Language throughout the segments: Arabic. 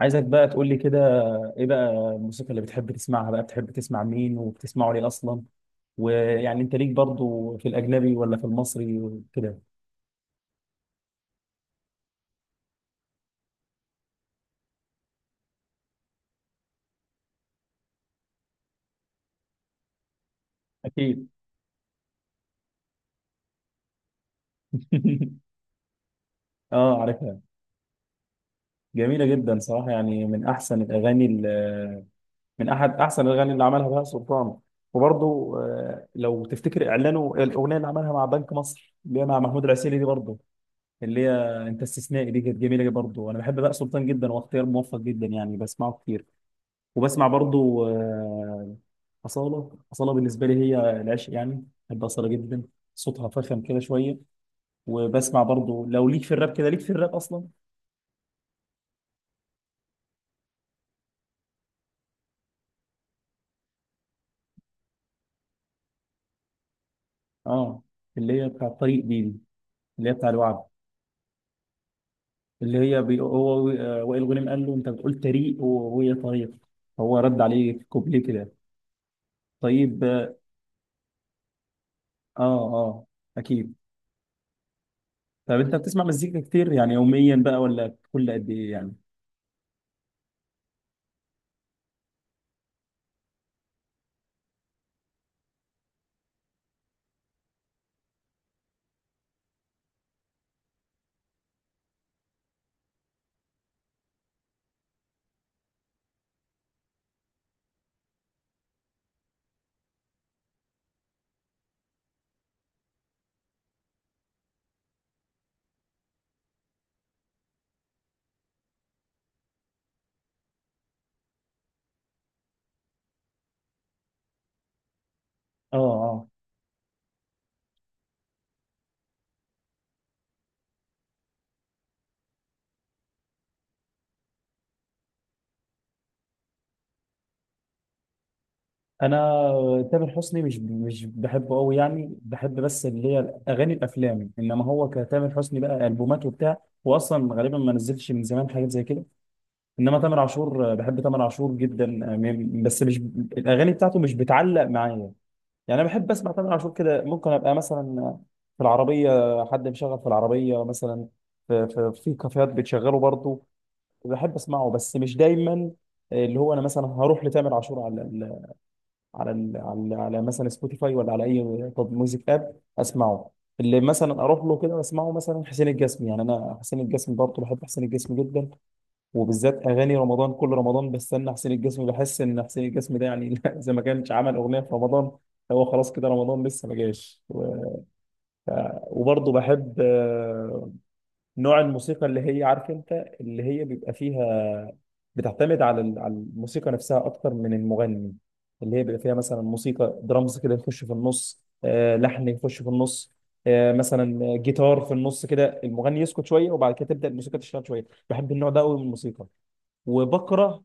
عايزك بقى تقول لي كده، ايه بقى الموسيقى اللي بتحب تسمعها بقى؟ بتحب تسمع مين وبتسمعه ليه اصلا؟ ويعني انت ليك برضو في الاجنبي ولا في المصري وكده؟ اكيد. اه، عارفها. جميله جدا صراحه، يعني من احسن الاغاني من احد احسن الاغاني اللي عملها بهاء سلطان. وبرضو لو تفتكر اعلانه، الاغنيه اللي عملها مع بنك مصر اللي هي مع محمود العسيلي دي برضو، اللي هي انت استثنائي دي، كانت جميله برضو. انا بحب بهاء سلطان جدا، واختيار موفق جدا يعني، بسمعه كتير. وبسمع برضو أصالة. أصالة بالنسبة لي هي العشق، يعني بحب أصالة جدا. صوتها فخم كده شوية. وبسمع برضو لو ليك في الراب كده، ليك في الراب أصلا. اه، اللي هي بتاع طريق دي، اللي هي بتاع الوعد. هو وائل غنيم قال له أنت بتقول طريق وهي طريق، فهو رد عليه في كوبليه كده. طيب، اه. اه، أكيد. طب أنت بتسمع مزيكا كتير يعني يوميا بقى ولا كل قد إيه يعني؟ اه، آه. انا تامر حسني مش بحبه قوي يعني، بحب بس اللي هي اغاني الافلام، انما هو كتامر حسني بقى، البومات وبتاع، هو اصلا غالبا ما نزلش من زمان حاجات زي كده. انما تامر عاشور بحب تامر عاشور جدا. بس مش الاغاني بتاعته مش بتعلق معايا. يعني انا بحب اسمع تامر عاشور كده، ممكن ابقى مثلا في العربيه، حد مشغل في العربيه مثلا، في كافيهات بتشغله برضه، بحب اسمعه بس مش دايما. اللي هو انا مثلا هروح لتامر عاشور على على ال على على مثلا سبوتيفاي، ولا على اي طب ميوزك اب، اسمعه. اللي مثلا اروح له كده اسمعه مثلا حسين الجسمي، يعني انا حسين الجسمي برضه، بحب حسين الجسمي جدا، وبالذات اغاني رمضان. كل رمضان بستنى حسين الجسمي، بحس ان حسين الجسمي ده يعني اذا ما كانش عمل اغنيه في رمضان هو خلاص كده رمضان لسه ما جاش. وبرضه بحب نوع الموسيقى اللي هي، عارف انت، اللي هي بيبقى فيها، بتعتمد على على الموسيقى نفسها اكتر من المغني. اللي هي بيبقى فيها مثلا موسيقى درامز كده يخش في النص، لحن يخش في النص، مثلا جيتار في النص كده، المغني يسكت شويه وبعد كده تبدا الموسيقى تشتغل شويه. بحب النوع ده قوي من الموسيقى. وبكره.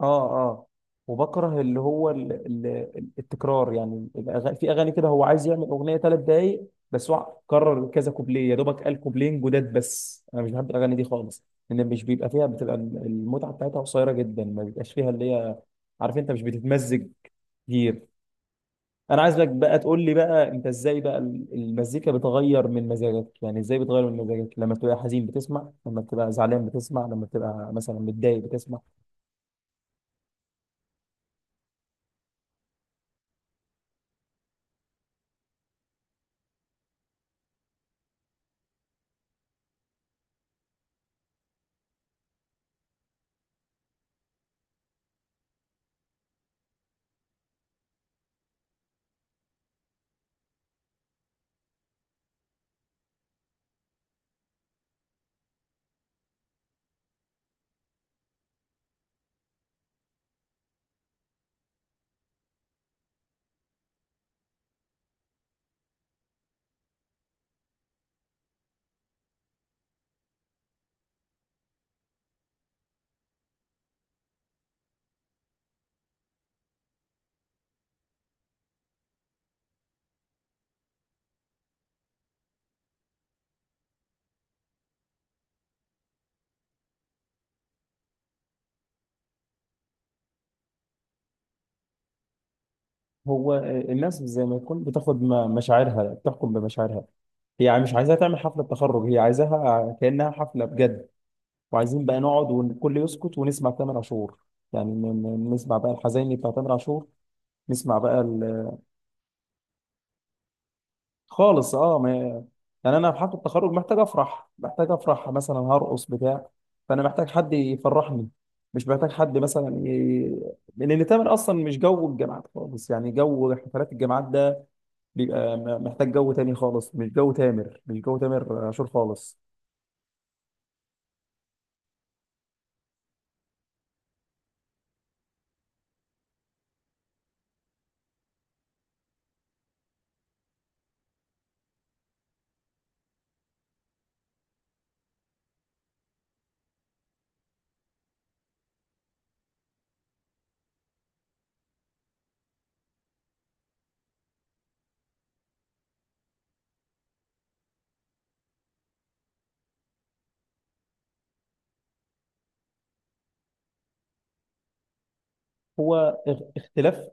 اه، اه. وبكره اللي هو التكرار، يعني الأغاني، في اغاني كده هو عايز يعمل اغنيه 3 دقايق، بس هو كرر كذا كوبليه، يا دوبك قال كوبلين جداد. بس انا مش بحب الاغاني دي خالص، لان مش بيبقى فيها، بتبقى المتعه بتاعتها قصيره جدا، ما بيبقاش فيها اللي هي، عارف انت، مش بتتمزج كتير. انا عايزك بقى تقول لي بقى، انت ازاي بقى المزيكا بتغير من مزاجك؟ يعني ازاي بتغير من مزاجك لما بتبقى حزين بتسمع، لما بتبقى زعلان بتسمع، لما بتبقى مثلا متضايق بتسمع؟ هو الناس زي ما يكون بتاخد مشاعرها، بتحكم بمشاعرها. هي يعني مش عايزاها تعمل حفلة تخرج، هي عايزاها كأنها حفلة بجد، وعايزين بقى نقعد والكل يسكت ونسمع تامر عاشور. يعني نسمع بقى الحزيني بتاع تامر عاشور، نسمع بقى ال... خالص. اه، ما... يعني انا في حفلة التخرج محتاج افرح، محتاج افرح مثلا، هرقص بتاع، فانا محتاج حد يفرحني، مش محتاج حد مثلا. لان تامر اصلا مش جو الجامعات خالص، يعني جو حفلات الجامعات ده بيبقى محتاج جو تاني خالص، مش جو تامر، مش جو تامر عاشور خالص. هو اختلاف،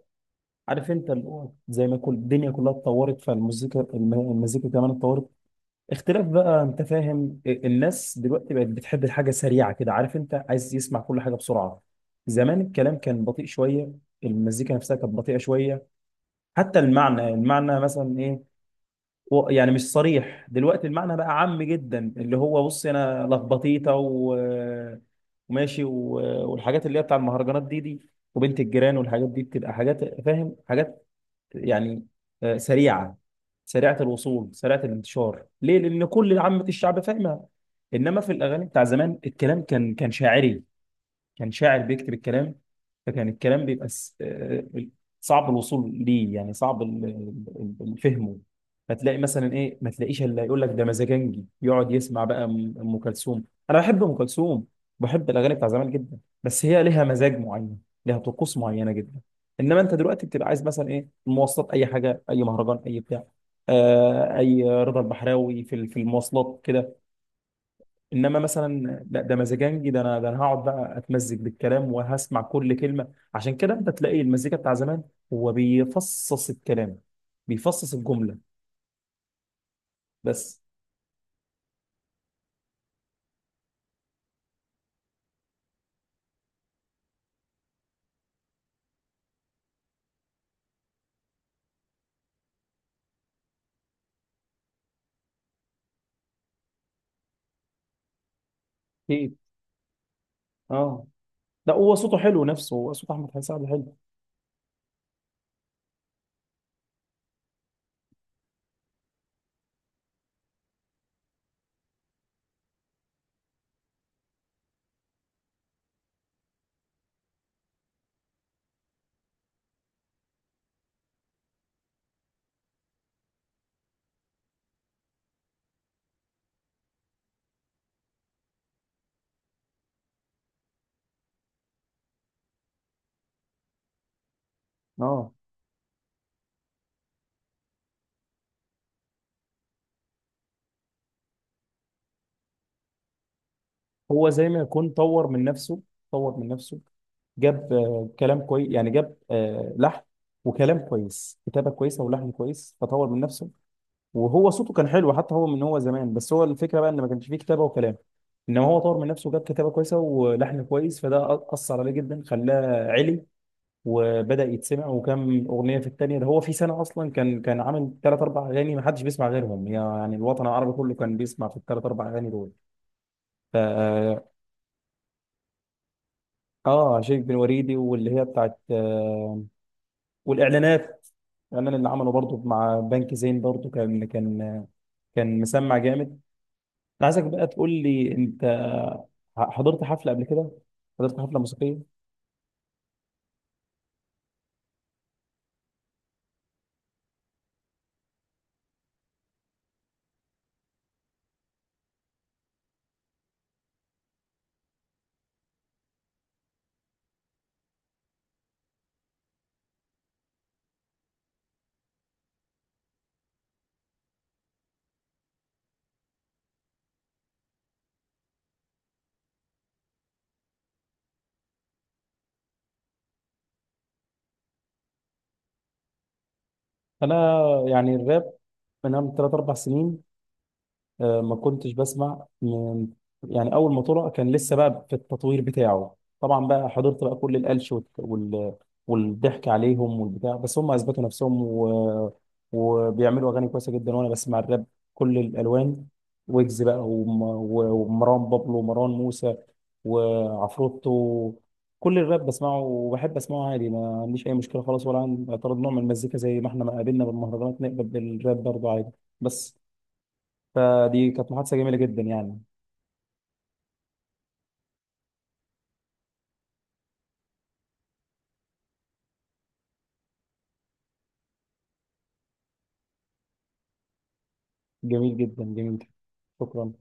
عارف انت، اللي هو زي ما كل الدنيا كلها اتطورت، فالمزيكا المزيكا كمان اتطورت. اختلاف بقى، انت فاهم، الناس دلوقتي بقت بتحب الحاجه سريعه كده، عارف انت، عايز يسمع كل حاجه بسرعه. زمان الكلام كان بطيء شويه، المزيكا نفسها كانت بطيئه شويه، حتى المعنى، المعنى مثلا ايه، يعني مش صريح. دلوقتي المعنى بقى عام جدا، اللي هو، بص، انا لخبطيطه، وماشي، والحاجات اللي هي بتاع المهرجانات دي، وبنت الجيران والحاجات دي، بتبقى حاجات فاهم، حاجات يعني سريعه، سريعه الوصول، سريعه الانتشار، ليه؟ لان كل عامه الشعب فاهمها. انما في الاغاني بتاع زمان الكلام كان شاعري، كان شاعر بيكتب الكلام، فكان الكلام بيبقى صعب الوصول ليه، يعني صعب فهمه. فتلاقي مثلا ايه، ما تلاقيش الا يقول لك ده مزاجنجي، يقعد يسمع بقى أم كلثوم. انا بحب ام كلثوم، بحب الاغاني بتاع زمان جدا، بس هي ليها مزاج معين، ليها طقوس معينه جدا. انما انت دلوقتي بتبقى عايز مثلا ايه، المواصلات، اي حاجه، اي مهرجان، اي بتاع، اي رضا البحراوي في في المواصلات كده. انما مثلا لا، ده مزاجنجي، ده انا، ده انا هقعد بقى اتمزج بالكلام وهسمع كل كلمه. عشان كده انت تلاقي المزيكا بتاع زمان، هو بيفصص الكلام، بيفصص الجمله. بس، اكيد. اه. لا، هو صوته حلو نفسه، هو صوت احمد حسين سعد حلو. اه، هو زي ما يكون طور من نفسه، طور من نفسه، جاب كلام كويس يعني، جاب لحن وكلام كويس، كتابه كويسه ولحن كويس، فطور من نفسه. وهو صوته كان حلو حتى هو، من هو زمان، بس هو الفكره بقى ان ما كانش فيه كتابه وكلام. انما هو طور من نفسه وجاب كتابه كويسه ولحن كويس، فده اثر عليه جدا، خلاه علي وبدا يتسمع. وكم اغنيه في الثانيه ده، هو في سنه اصلا كان عامل ثلاث اربع اغاني ما حدش بيسمع غيرهم، يعني الوطن العربي كله كان بيسمع في الثلاث اربع اغاني دول. ف اه شيخ بن وريدي، واللي هي بتاعت والاعلانات، الاعلان اللي عمله برضه مع بنك زين برضه، كان مسمع جامد. انا عايزك بقى تقول لي، انت حضرت حفله قبل كده؟ حضرت حفله موسيقيه؟ انا يعني الراب من ثلاث اربع سنين ما كنتش بسمع من، يعني اول ما طلع كان لسه بقى في التطوير بتاعه طبعا، بقى حضرت بقى كل القلش والضحك عليهم والبتاع، بس هم اثبتوا نفسهم وبيعملوا اغاني كويسه جدا. وانا بسمع الراب كل الالوان، ويجز بقى ومروان بابلو ومروان موسى وعفروتو، كل الراب بسمعه وبحب اسمعه عادي، ما عنديش اي مشكله خالص، ولا عندي اعتراض نوع من المزيكا، زي ما احنا ما قابلنا بالمهرجانات نقبل بالراب برضه عادي. بس، فدي كانت محادثة جميلة جدا يعني. جميل جدا، جميل. شكرا.